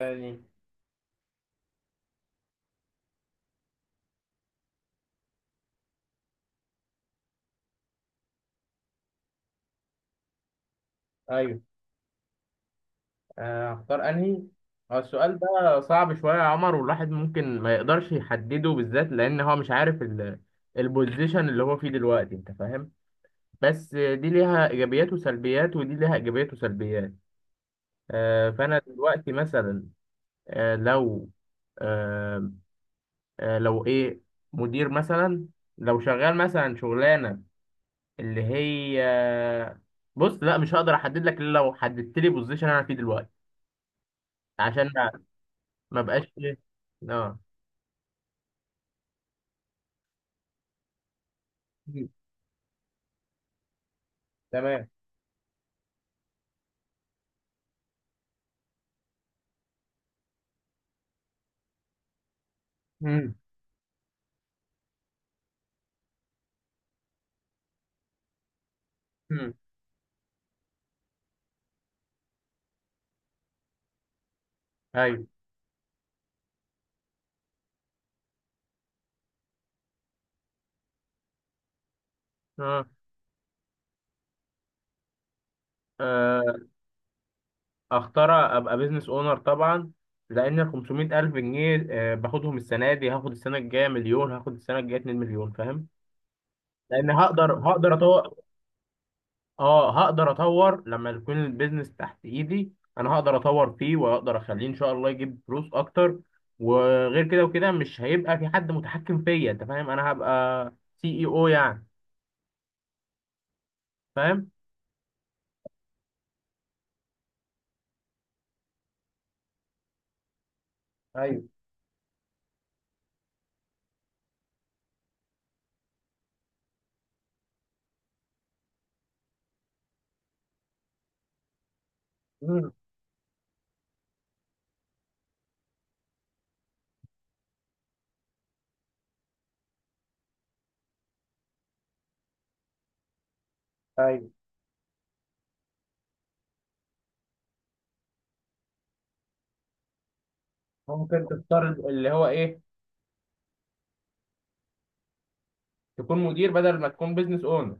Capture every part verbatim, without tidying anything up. يعني، ايوه، آه، هختار انهي؟ هو السؤال ده صعب شويه يا عمر، والواحد ممكن ما يقدرش يحدده بالذات لان هو مش عارف ال... البوزيشن اللي هو فيه دلوقتي، انت فاهم؟ بس دي ليها ايجابيات وسلبيات، ودي ليها ايجابيات وسلبيات. آه، فانا دلوقتي مثلا، آه، لو آه، آه، لو ايه، مدير مثلا، لو شغال مثلا شغلانه اللي هي آه، بص، لا، مش هقدر احدد لك الا لو حددت لي بوزيشن انا فيه دلوقتي، عشان ما بقاش ايه. اه. مم. تمام. مم. مم. ايوه. اه. آه، اختار ابقى بيزنس اونر طبعا. لان ال خمسمئة الف جنيه آه، باخدهم السنه دي، هاخد السنه الجايه مليون، هاخد السنه الجايه اتنين مليون، فاهم؟ لان هقدر هقدر اطور. اه، هقدر اطور لما يكون البيزنس تحت ايدي، انا هقدر اطور فيه واقدر اخليه ان شاء الله يجيب فلوس اكتر. وغير كده وكده مش هيبقى في حد متحكم فيا. انت فاهم؟ انا هبقى سي اي او يعني. فاهم؟ ايوه. ايوه، ممكن تفترض اللي هو ايه، تكون مدير بدل ما تكون بيزنس اونر.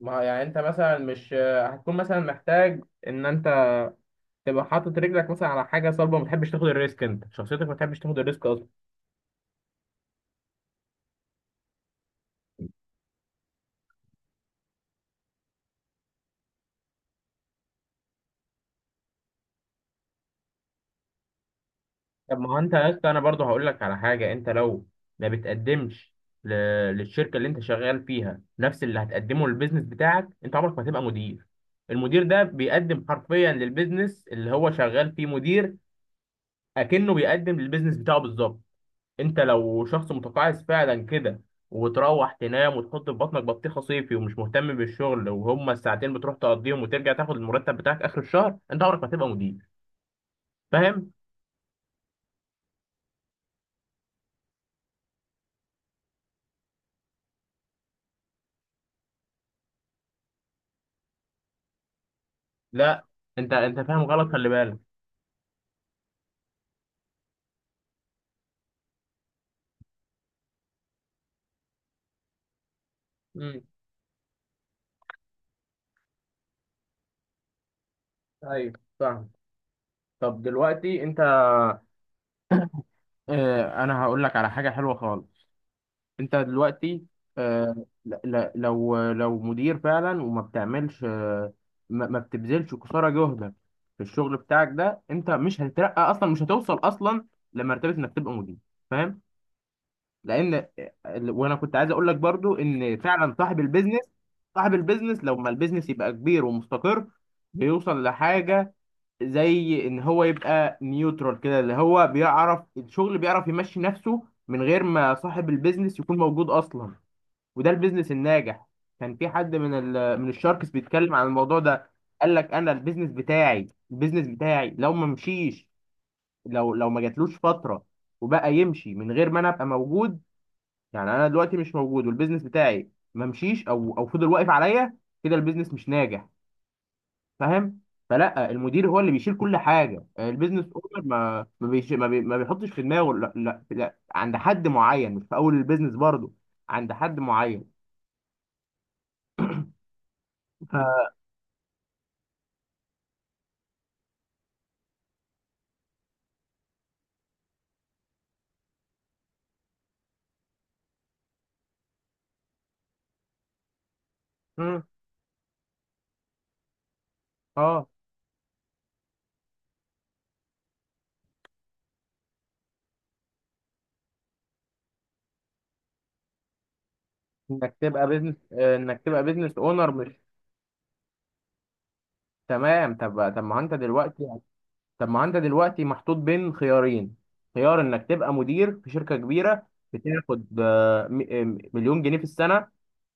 ما هو يعني انت مثلا مش آه، هتكون مثلا محتاج ان انت تبقى حاطط رجلك مثلا على حاجه صلبه. ما بتحبش تاخد الريسك، انت شخصيتك ما بتحبش تاخد الريسك اصلا. طب، ما هو انت يا اسطى، انا برضه هقول لك على حاجه. انت لو ما بتقدمش ل- للشركه اللي انت شغال فيها نفس اللي هتقدمه للبيزنس بتاعك، انت عمرك ما هتبقى مدير. المدير ده بيقدم حرفيا للبيزنس اللي هو شغال فيه مدير، اكنه بيقدم للبيزنس بتاعه بالظبط. انت لو شخص متقاعس فعلا كده، وتروح تنام وتحط في بطنك بطيخه صيفي ومش مهتم بالشغل، وهما الساعتين بتروح تقضيهم وترجع تاخد المرتب بتاعك اخر الشهر، انت عمرك ما هتبقى مدير. فاهم؟ لا، انت انت فاهم غلط، خلي بالك. امم. ايوه، فاهم. طب دلوقتي انت. اه، انا هقول لك على حاجه حلوه خالص. انت دلوقتي آه، ل- ل- لو لو مدير فعلا وما بتعملش آه، ما ما بتبذلش قصارى جهدك في الشغل بتاعك ده، انت مش هتترقى اصلا، مش هتوصل اصلا لمرتبه انك تبقى مدير. فاهم؟ لان وانا كنت عايز اقول لك برضو ان فعلا صاحب البيزنس، صاحب البيزنس لو ما البيزنس يبقى كبير ومستقر بيوصل لحاجه زي ان هو يبقى نيوترال كده، اللي هو بيعرف الشغل، بيعرف يمشي نفسه من غير ما صاحب البيزنس يكون موجود اصلا. وده البيزنس الناجح. كان في حد من ال من الشاركس بيتكلم عن الموضوع ده. قال لك انا البيزنس بتاعي، البيزنس بتاعي لو ما مشيش، لو لو ما جاتلوش فتره وبقى يمشي من غير ما انا ابقى موجود. يعني انا دلوقتي مش موجود والبيزنس بتاعي ما مشيش او او فضل واقف عليا، كده البيزنس مش ناجح. فاهم؟ فلا، المدير هو اللي بيشيل كل حاجه. البيزنس اونر ما ما, بيش ما, بي ما بيحطش في دماغه لا، لا، لا، عند حد معين، مش في اول البيزنس برضه، عند حد معين. ف... مم. اه، انك تبقى بيزنس انك تبقى بيزنس اونر، مش؟ تمام. طب طب ما انت دلوقتي طب ما انت دلوقتي محطوط بين خيارين. خيار انك تبقى مدير في شركة كبيرة، بتاخد آه، م- آه، مليون جنيه في السنة،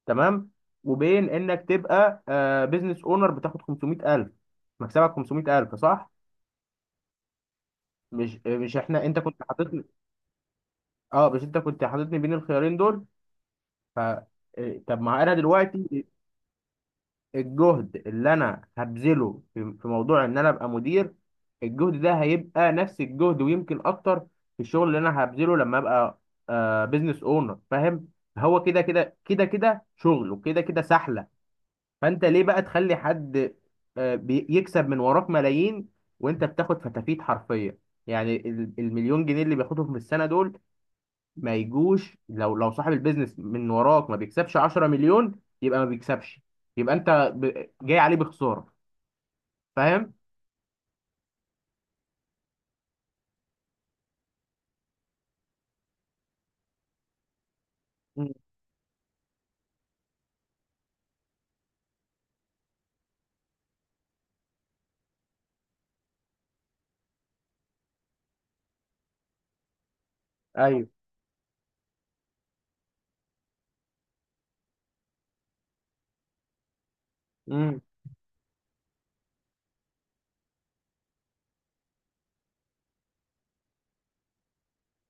تمام، وبين انك تبقى بيزنس اونر بتاخد خمسمئة الف. مكسبك خمسمئة الف، صح؟ مش آه، مش احنا، انت كنت حاططني. اه، مش انت كنت حاططني بين الخيارين دول؟ ف آه، طب، ما انا دلوقتي الجهد اللي انا هبذله في في موضوع ان انا ابقى مدير، الجهد ده هيبقى نفس الجهد ويمكن اكتر في الشغل اللي انا هبذله لما ابقى آه بزنس اونر. فاهم؟ هو كده كده كده كده شغل، وكده كده سحلة. فانت ليه بقى تخلي حد آه بي- يكسب من وراك ملايين وانت بتاخد فتافيت حرفيا؟ يعني ال- المليون جنيه اللي بياخدهم في السنة دول ما يجوش. لو لو صاحب البيزنس من وراك ما بيكسبش عشرة مليون، يبقى ما بيكسبش، يبقى انت ب... جاي عليه بخساره. فاهم؟ مم. ايوه. مم.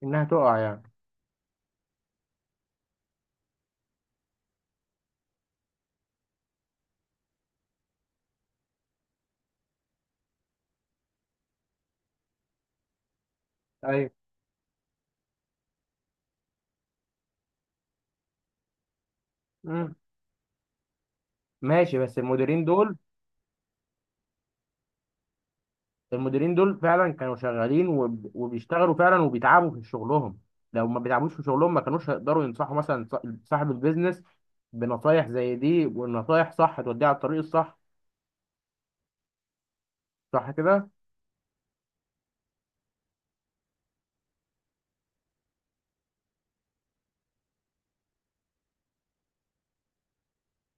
انها تقع يعني. ايوه. مم. ماشي، بس المديرين دول، المديرين دول فعلا كانوا شغالين وب... وبيشتغلوا فعلا وبيتعبوا في شغلهم. لو ما بيتعبوش في شغلهم ما كانوش هيقدروا ينصحوا مثلا ص- صاحب البيزنس بنصايح زي دي، والنصايح صح توديه على الطريق الصح. صح كده؟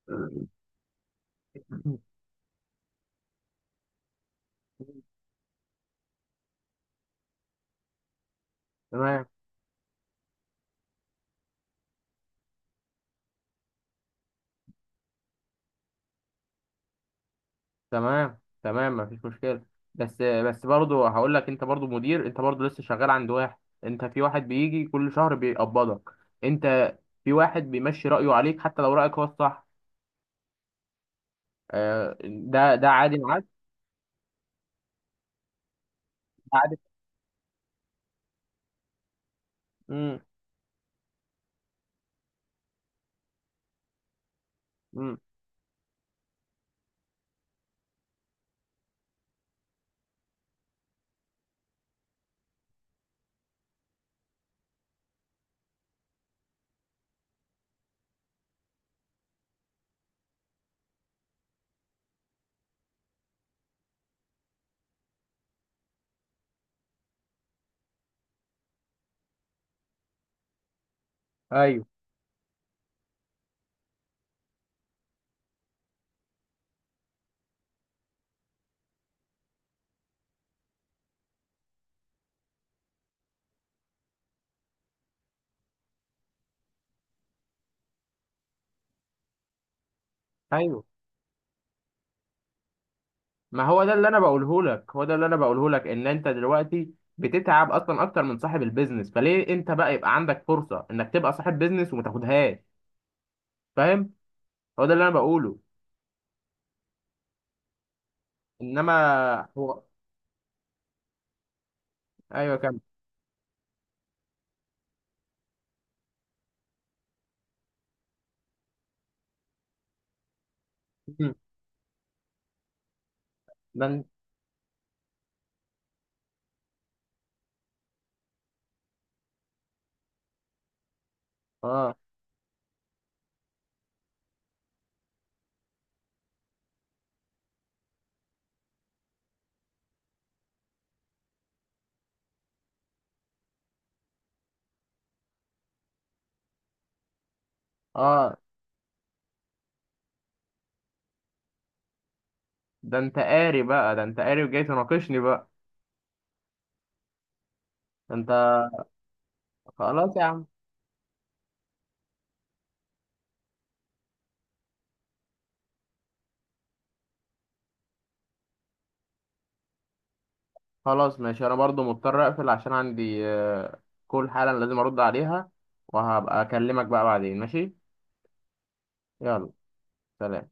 مم. تمام تمام تمام، مفيش مشكلة. بس بس برضه هقول لك، انت برضه مدير، انت برضه لسه شغال عند واحد. انت في واحد بيجي كل شهر بيقبضك. انت في واحد بيمشي رأيه عليك حتى لو رأيك هو الصح. آه، ده ده عادي معاك، ده عادي. امم، امم. ايوه، ايوه. ما هو ده اللي انا بقوله لك، هو ده اللي انا بقوله لك، ان انت دلوقتي بتتعب اصلا اكتر من صاحب البيزنس. فليه انت بقى يبقى عندك فرصة انك تبقى صاحب بيزنس وما تاخدهاش؟ فاهم؟ هو ده اللي انا بقوله. انما. هو، ايوه، كمل. مم. ده انت اه، اه، ده انت قاري بقى، ده انت قاري وجاي تناقشني بقى. ده انت. خلاص يا عم. خلاص ماشي، انا برضو مضطر اقفل عشان عندي آه، كل حالا لازم ارد عليها، وهبقى اكلمك بقى بعدين. ماشي؟ يلا، سلام.